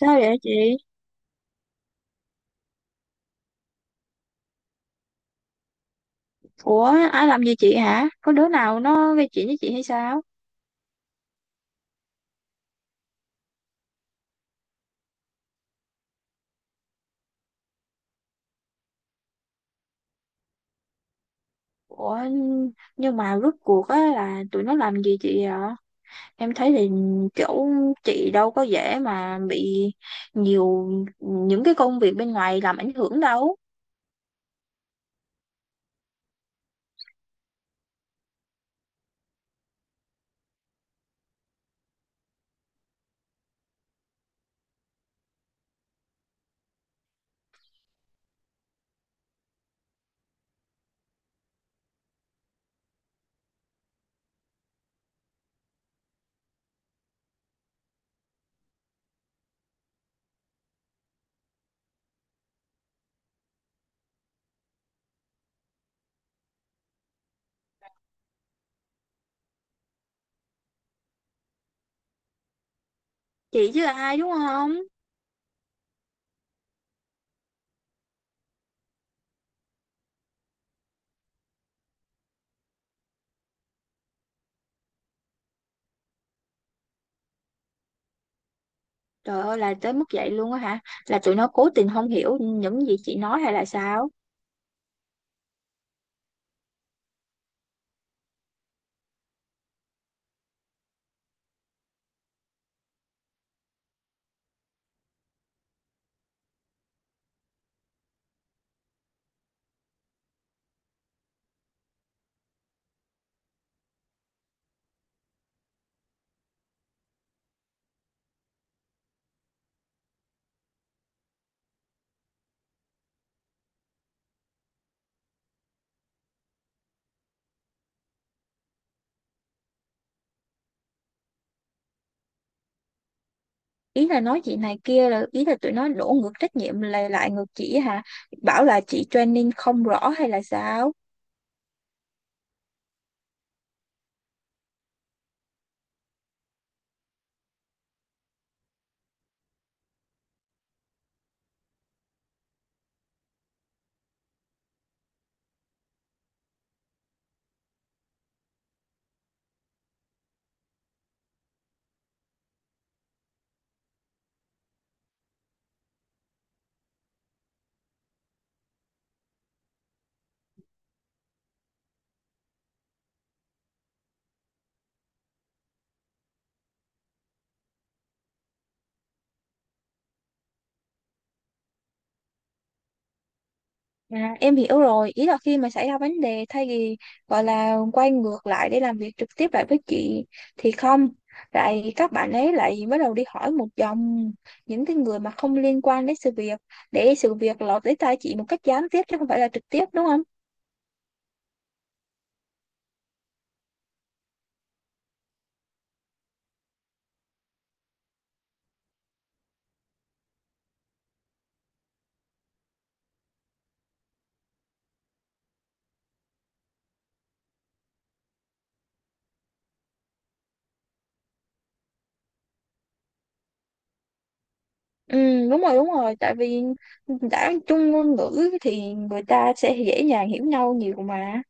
Sao vậy chị? Ủa, ai làm gì chị hả? Có đứa nào nó gây chuyện với chị hay sao? Ủa, nhưng mà rốt cuộc á là tụi nó làm gì chị ạ? Em thấy thì kiểu chị đâu có dễ mà bị nhiều những cái công việc bên ngoài làm ảnh hưởng đâu. Chị chứ ai đúng không? Trời ơi là tới mức vậy luôn á hả? Là tụi nó cố tình không hiểu những gì chị nói hay là sao? Ý là nói chị này kia là ý là tụi nó đổ ngược trách nhiệm lại lại ngược chị hả? Bảo là chị training không rõ hay là sao? À, em hiểu rồi. Ý là khi mà xảy ra vấn đề, thay vì gọi là quay ngược lại để làm việc trực tiếp lại với chị thì không, lại các bạn ấy lại bắt đầu đi hỏi một dòng những cái người mà không liên quan đến sự việc, để sự việc lọt tới tai chị một cách gián tiếp chứ không phải là trực tiếp, đúng không? Ừ, đúng rồi đúng rồi, tại vì đã chung ngôn ngữ thì người ta sẽ dễ dàng hiểu nhau nhiều mà.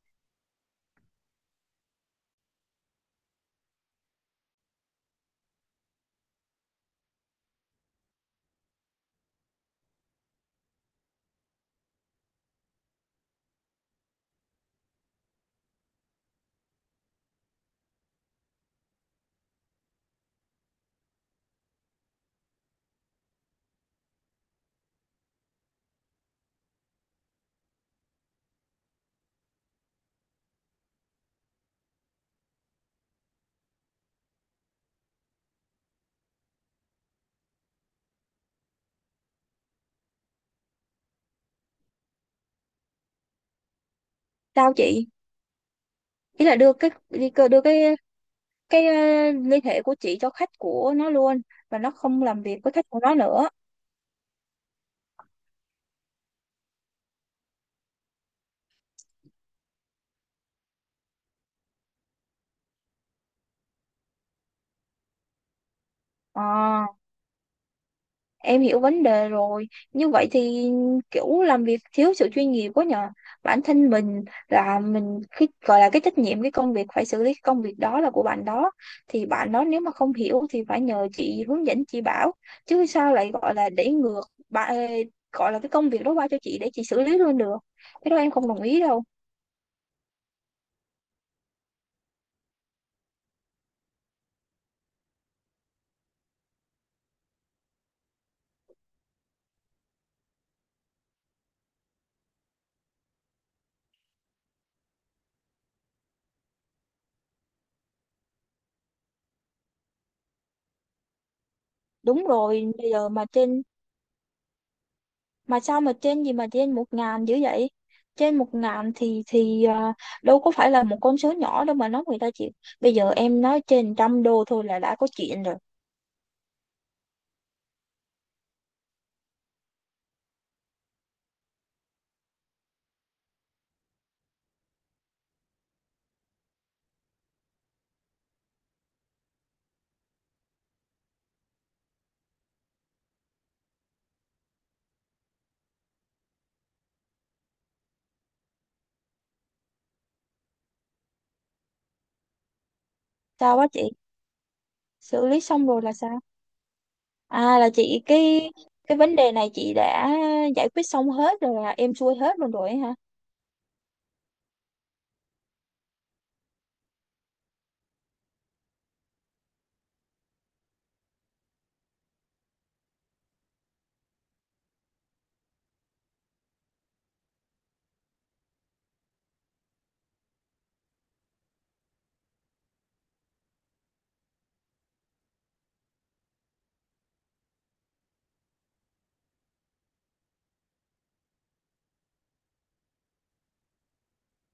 Sao chị? Ý là đưa cái đưa cái liên hệ của chị cho khách của nó luôn. Và nó không làm việc với khách của nó nữa. Ờ. Em hiểu vấn đề rồi. Như vậy thì kiểu làm việc thiếu sự chuyên nghiệp quá nhờ. Bản thân mình là mình cái gọi là cái trách nhiệm cái công việc phải xử lý cái công việc đó là của bạn đó. Thì bạn đó nếu mà không hiểu thì phải nhờ chị hướng dẫn chị bảo. Chứ sao lại gọi là để ngược bạn gọi là cái công việc đó qua cho chị để chị xử lý luôn được. Cái đó em không đồng ý đâu. Đúng rồi, bây giờ mà trên, mà sao mà trên gì mà trên 1.000 dữ vậy? Trên 1.000 thì à, đâu có phải là một con số nhỏ đâu mà nói người ta chịu. Bây giờ em nói trên 100 đô thôi là đã có chuyện rồi. Sao quá chị? Xử lý xong rồi là sao? À, là chị cái vấn đề này chị đã giải quyết xong hết rồi, là em xuôi hết luôn rồi hả?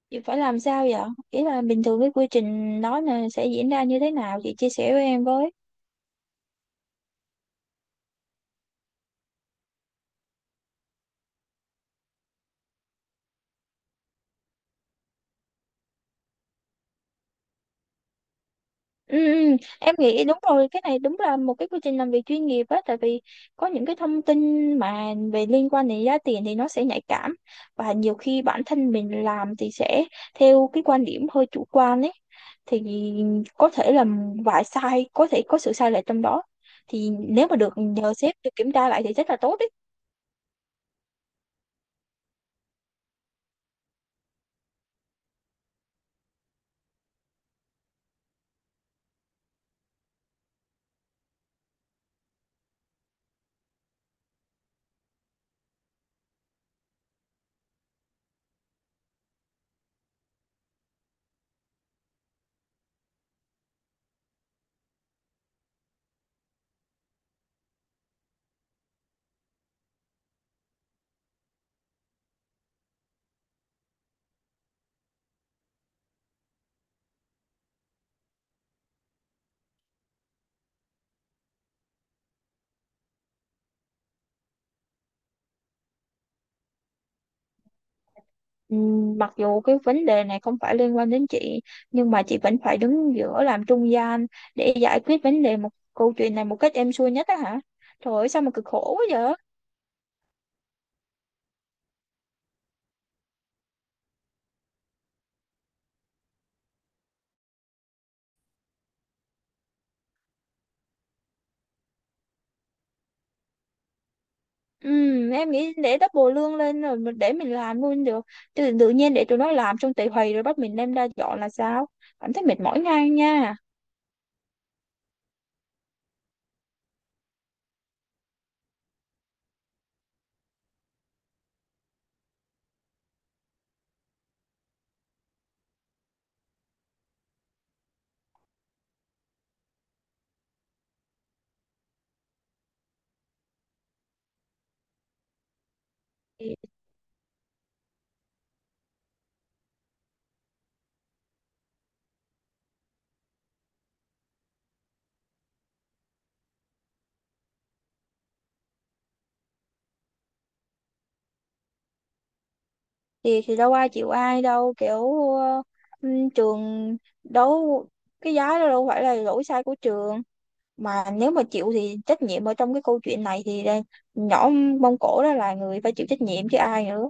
Chị phải làm sao vậy? Ý là bình thường cái quy trình đó là sẽ diễn ra như thế nào, chị chia sẻ với em với. Ừ, ừ, em nghĩ đúng rồi, cái này đúng là một cái quy trình làm việc chuyên nghiệp á, tại vì có những cái thông tin mà về liên quan đến giá tiền thì nó sẽ nhạy cảm, và nhiều khi bản thân mình làm thì sẽ theo cái quan điểm hơi chủ quan ấy, thì có thể là vài sai có thể có sự sai lệch trong đó. Thì nếu mà được nhờ sếp được kiểm tra lại thì rất là tốt. Mặc dù cái vấn đề này không phải liên quan đến chị nhưng mà chị vẫn phải đứng giữa làm trung gian để giải quyết vấn đề một câu chuyện này một cách êm xuôi nhất á hả? Trời ơi sao mà cực khổ quá vậy? Em nghĩ để double lương lên rồi để mình làm luôn được. Tự nhiên để tụi nó làm xong tị hì rồi bắt mình đem ra dọn là sao? Cảm thấy mệt mỏi ngay nha. Thì, thì đâu ai chịu ai đâu, kiểu trường đâu, cái giá đó đâu phải là lỗi sai của trường, mà nếu mà chịu thì trách nhiệm ở trong cái câu chuyện này thì là nhỏ Mông Cổ đó là người phải chịu trách nhiệm chứ ai nữa.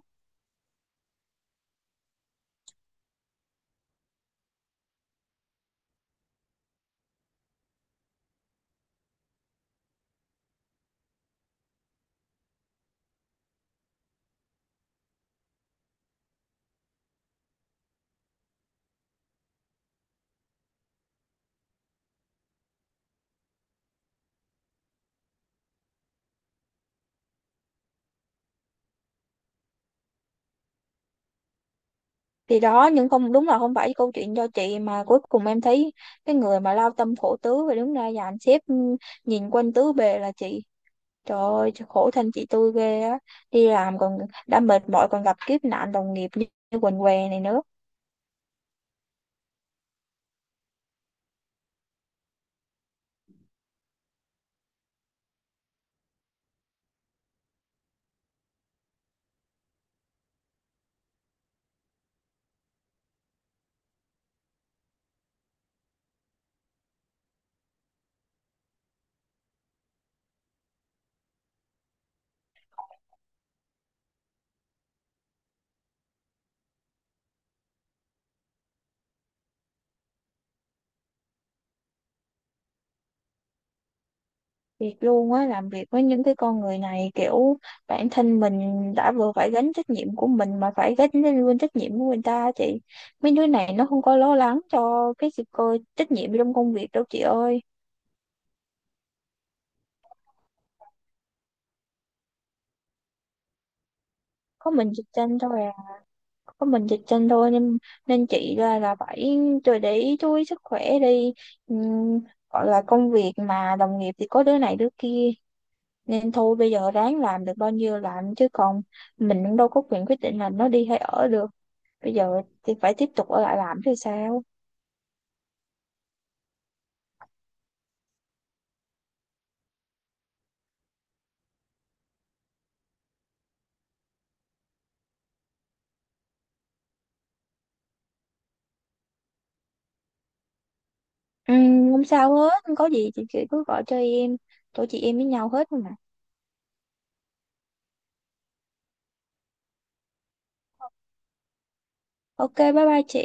Thì đó, nhưng không, đúng là không phải câu chuyện do chị, mà cuối cùng em thấy cái người mà lao tâm khổ tứ và đứng ra dàn xếp, nhìn quanh tứ bề là chị. Trời ơi khổ thân chị tôi ghê á, đi làm còn đã mệt mỏi còn gặp kiếp nạn đồng nghiệp như quần què này nữa. Thiệt luôn á, làm việc với những cái con người này kiểu bản thân mình đã vừa phải gánh trách nhiệm của mình mà phải gánh lên luôn trách nhiệm của người ta á chị. Mấy đứa này nó không có lo lắng cho cái sự cơ trách nhiệm trong công việc đâu chị ơi. Có mình dịch tranh thôi à? Có mình dịch tranh thôi, nên nên chị là phải tôi để ý chú ý sức khỏe đi. Ừm, gọi là công việc mà đồng nghiệp thì có đứa này đứa kia, nên thôi bây giờ ráng làm được bao nhiêu làm, chứ còn mình cũng đâu có quyền quyết định là nó đi hay ở được, bây giờ thì phải tiếp tục ở lại làm thì sao? Ừ, không sao hết, không có gì chị cứ gọi cho em, tụi chị em với nhau hết mà. Ok, bye bye chị.